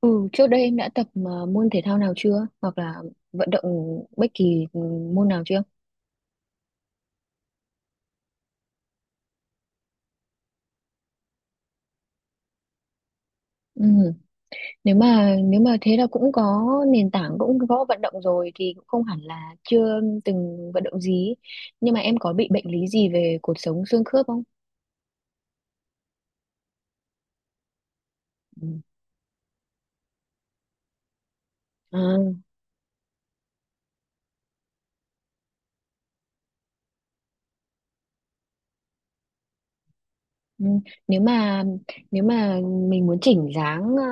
Ừ, trước đây em đã tập môn thể thao nào chưa? Hoặc là vận động bất kỳ môn nào chưa? Ừ. Nếu mà thế là cũng có nền tảng cũng có vận động rồi thì cũng không hẳn là chưa từng vận động gì. Nhưng mà em có bị bệnh lý gì về cột sống xương khớp không? Ừ. À, ừ. Nếu mà nếu mà mình muốn chỉnh dáng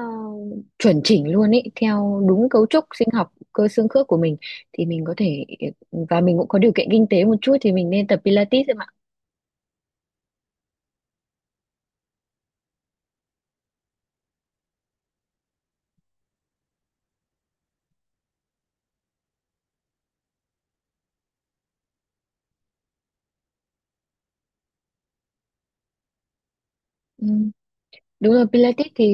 chuẩn chỉnh luôn ấy theo đúng cấu trúc sinh học cơ xương khớp của mình thì mình có thể và mình cũng có điều kiện kinh tế một chút thì mình nên tập Pilates. Ừ, đúng rồi. Pilates thì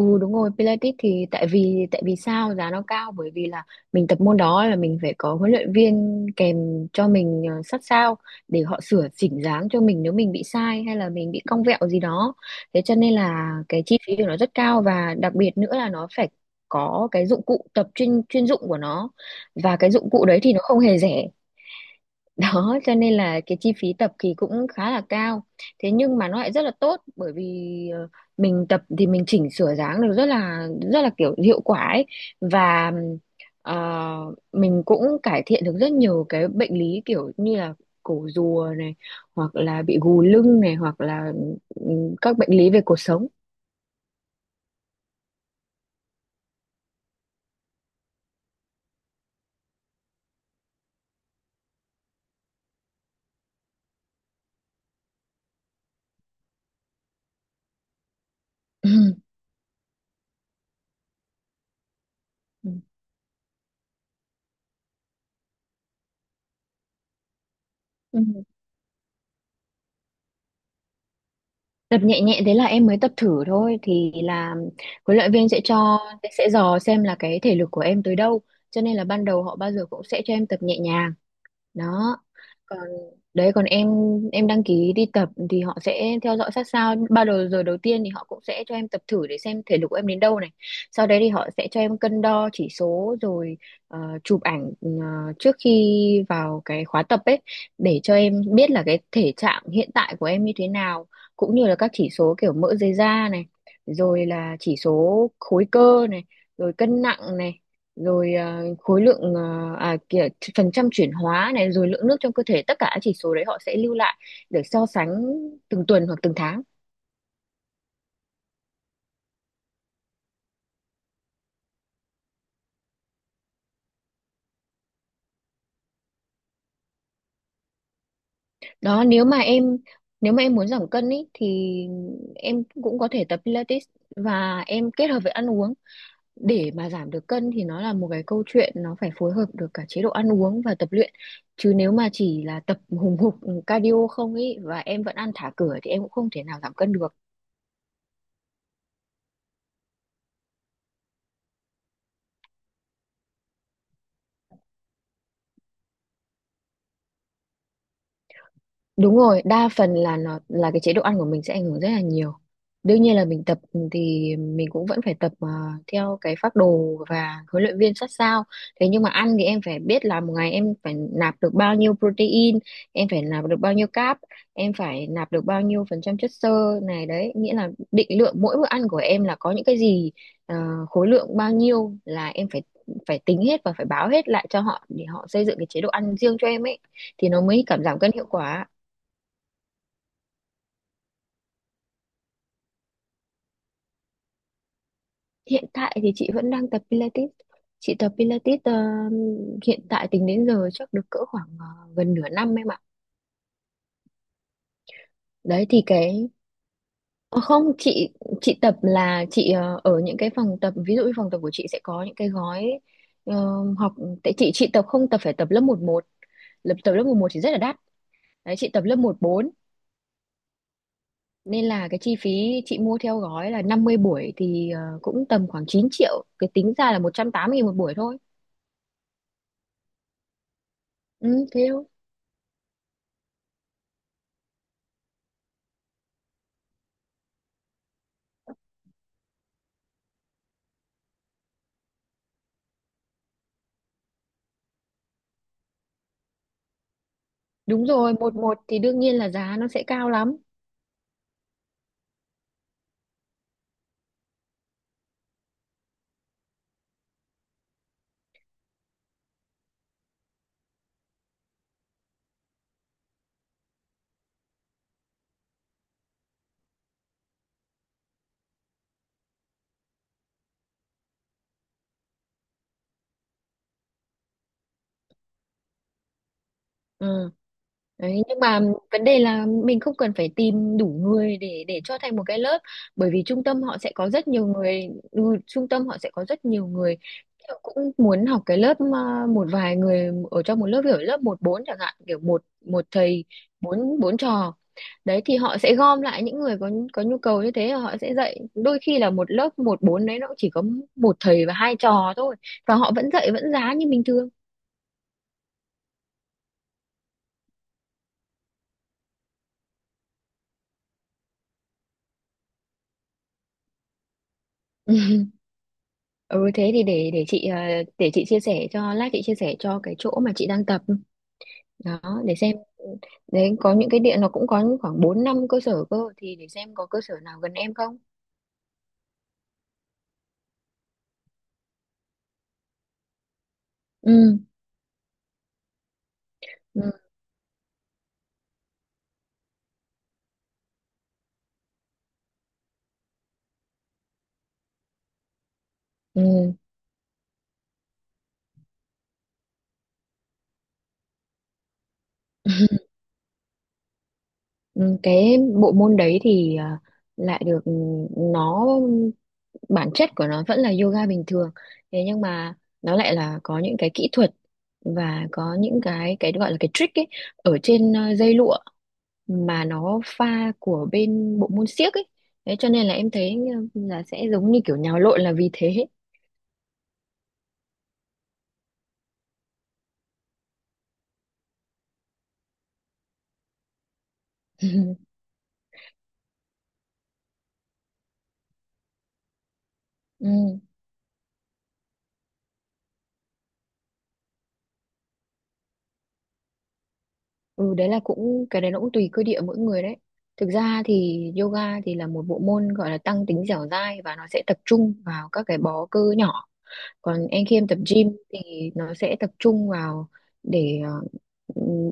ừ, đúng rồi, Pilates thì tại vì sao giá nó cao, bởi vì là mình tập môn đó là mình phải có huấn luyện viên kèm cho mình sát sao để họ sửa chỉnh dáng cho mình nếu mình bị sai hay là mình bị cong vẹo gì đó. Thế cho nên là cái chi phí của nó rất cao, và đặc biệt nữa là nó phải có cái dụng cụ tập chuyên chuyên dụng của nó, và cái dụng cụ đấy thì nó không hề rẻ, đó cho nên là cái chi phí tập thì cũng khá là cao. Thế nhưng mà nó lại rất là tốt, bởi vì mình tập thì mình chỉnh sửa dáng được rất là kiểu hiệu quả ấy. Và ờ, mình cũng cải thiện được rất nhiều cái bệnh lý kiểu như là cổ rùa này, hoặc là bị gù lưng này, hoặc là ừ, các bệnh lý về cột sống. Ừ. Tập nhẹ nhẹ thế là em mới tập thử thôi thì là huấn luyện viên sẽ cho, sẽ dò xem là cái thể lực của em tới đâu, cho nên là ban đầu họ bao giờ cũng sẽ cho em tập nhẹ nhàng. Đó còn đấy còn em đăng ký đi tập thì họ sẽ theo dõi sát sao. Bao đầu giờ đầu tiên thì họ cũng sẽ cho em tập thử để xem thể lực của em đến đâu này, sau đấy thì họ sẽ cho em cân đo chỉ số rồi chụp ảnh trước khi vào cái khóa tập ấy, để cho em biết là cái thể trạng hiện tại của em như thế nào, cũng như là các chỉ số kiểu mỡ dưới da này, rồi là chỉ số khối cơ này, rồi cân nặng này, rồi à, khối lượng à, à kìa, phần trăm chuyển hóa này, rồi lượng nước trong cơ thể, tất cả các chỉ số đấy họ sẽ lưu lại để so sánh từng tuần hoặc từng tháng. Đó nếu mà em muốn giảm cân ý, thì em cũng có thể tập Pilates và em kết hợp với ăn uống. Để mà giảm được cân thì nó là một cái câu chuyện, nó phải phối hợp được cả chế độ ăn uống và tập luyện, chứ nếu mà chỉ là tập hùng hục cardio không ý và em vẫn ăn thả cửa thì em cũng không thể nào giảm cân được. Đúng rồi, đa phần là nó là cái chế độ ăn của mình sẽ ảnh hưởng rất là nhiều. Đương nhiên là mình tập thì mình cũng vẫn phải tập theo cái phác đồ và huấn luyện viên sát sao. Thế nhưng mà ăn thì em phải biết là một ngày em phải nạp được bao nhiêu protein, em phải nạp được bao nhiêu carb, em phải nạp được bao nhiêu phần trăm chất xơ này đấy. Nghĩa là định lượng mỗi bữa ăn của em là có những cái gì, ờ, khối lượng bao nhiêu là em phải phải tính hết và phải báo hết lại cho họ để họ xây dựng cái chế độ ăn riêng cho em ấy, thì nó mới cảm giảm cân hiệu quả. Hiện tại thì chị vẫn đang tập Pilates. Chị tập Pilates hiện tại tính đến giờ chắc được cỡ khoảng gần nửa năm em ạ. Đấy thì cái ờ, không chị, chị tập là chị ở những cái phòng tập, ví dụ như phòng tập của chị sẽ có những cái gói ờ, học. Tại chị tập không, tập phải tập lớp 1-1. Lớp tập lớp 1-1 thì rất là đắt. Đấy chị tập lớp 1-4, nên là cái chi phí chị mua theo gói là 50 buổi thì cũng tầm khoảng 9 triệu, cái tính ra là 180.000 một buổi thôi. Ừ thế thôi. Đúng rồi, 1-1 thì đương nhiên là giá nó sẽ cao lắm. Ừ. Đấy, nhưng mà vấn đề là mình không cần phải tìm đủ người để cho thành một cái lớp, bởi vì trung tâm họ sẽ có rất nhiều người. Ừ, trung tâm họ sẽ có rất nhiều người họ cũng muốn học cái lớp à, một vài người ở trong một lớp kiểu lớp 1-4 chẳng hạn, kiểu một một thầy bốn bốn trò. Đấy thì họ sẽ gom lại những người có nhu cầu như thế, họ sẽ dạy. Đôi khi là một lớp 1-4 đấy nó cũng chỉ có một thầy và 2 trò thôi, và họ vẫn dạy, vẫn giá như bình thường. Ừ thế thì để chị chia sẻ cho, lát chị chia sẻ cho cái chỗ mà chị đang tập đó, để xem. Đấy có những cái điện nó cũng có khoảng 4-5 cơ sở cơ, thì để xem có cơ sở nào gần em không. Ừ ừ ừ, ừ. Cái bộ môn đấy thì lại được ừ, nó bản chất của nó vẫn là yoga bình thường, thế nhưng mà nó lại là có những cái kỹ thuật và có những cái gọi là cái trick ấy, ở trên dây lụa, mà nó pha của bên bộ môn xiếc ấy. Thế cho nên là em thấy là sẽ giống như kiểu nhào lộn là vì thế. Ừ. Ừ, đấy là cũng, cái đấy nó cũng tùy cơ địa mỗi người đấy. Thực ra thì yoga thì là một bộ môn gọi là tăng tính dẻo dai và nó sẽ tập trung vào các cái bó cơ nhỏ, còn anh khi em tập gym thì nó sẽ tập trung vào để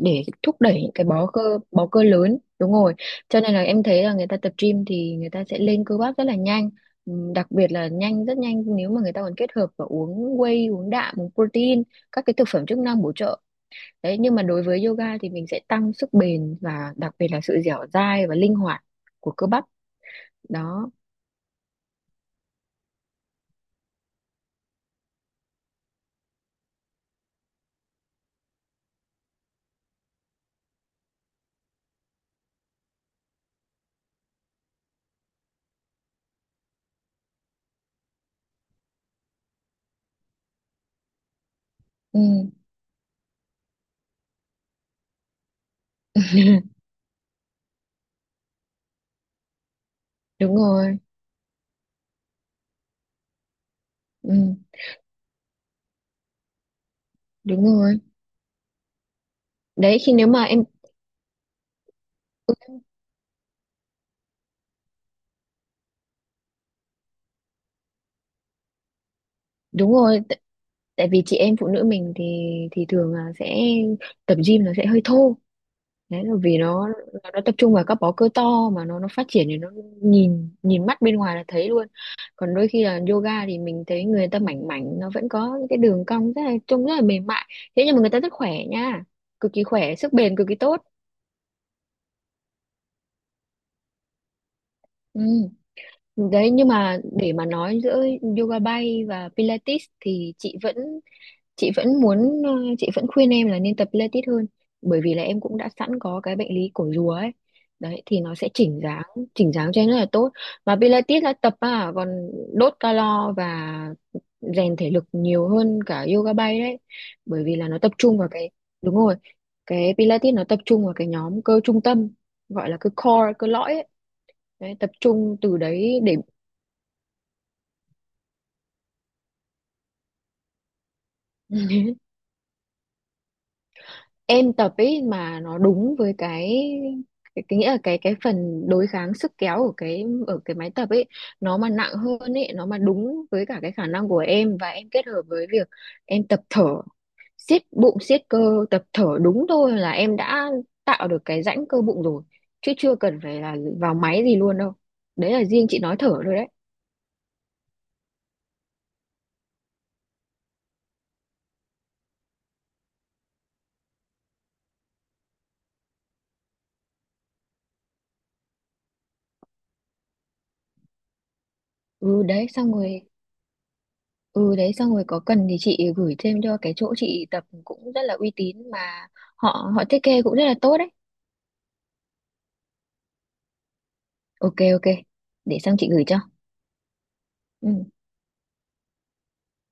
để thúc đẩy những cái bó cơ, bó cơ lớn, đúng rồi. Cho nên là em thấy là người ta tập gym thì người ta sẽ lên cơ bắp rất là nhanh. Đặc biệt là nhanh, rất nhanh nếu mà người ta còn kết hợp và uống whey, uống đạm, uống protein, các cái thực phẩm chức năng bổ trợ. Đấy nhưng mà đối với yoga thì mình sẽ tăng sức bền và đặc biệt là sự dẻo dai và linh hoạt của cơ bắp đó. Ừm, đúng rồi. Ừm, đúng rồi. Đấy khi nếu mà em, đúng rồi tại vì chị em phụ nữ mình thì thường là sẽ tập gym nó sẽ hơi thô. Đấy là vì nó tập trung vào các bó cơ to mà nó phát triển thì nó nhìn nhìn mắt bên ngoài là thấy luôn. Còn đôi khi là yoga thì mình thấy người ta mảnh mảnh, nó vẫn có những cái đường cong rất là, trông rất là mềm mại, thế nhưng mà người ta rất khỏe nha, cực kỳ khỏe, sức bền cực kỳ tốt. Ừ. Đấy nhưng mà để mà nói giữa yoga bay và Pilates thì chị vẫn muốn chị vẫn khuyên em là nên tập Pilates hơn, bởi vì là em cũng đã sẵn có cái bệnh lý cổ rùa ấy. Đấy thì nó sẽ chỉnh dáng, chỉnh dáng cho em rất là tốt, mà Pilates là tập à, còn đốt calo và rèn thể lực nhiều hơn cả yoga bay đấy, bởi vì là nó tập trung vào cái, đúng rồi, cái Pilates nó tập trung vào cái nhóm cơ trung tâm, gọi là cơ core, cơ lõi ấy. Đấy, tập trung từ đấy để em tập ấy mà nó đúng với cái nghĩa là cái phần đối kháng sức kéo của cái ở cái máy tập ấy, nó mà nặng hơn ấy, nó mà đúng với cả cái khả năng của em, và em kết hợp với việc em tập thở, siết bụng siết cơ, tập thở đúng thôi là em đã tạo được cái rãnh cơ bụng rồi, chứ chưa cần phải là vào máy gì luôn đâu. Đấy là riêng chị nói thở thôi đấy. Ừ đấy xong rồi. Ừ đấy xong rồi, có cần thì chị gửi thêm cho cái chỗ chị tập, cũng rất là uy tín mà, họ họ thiết kế cũng rất là tốt đấy. Ok ok. Để xong chị gửi cho. Ừ.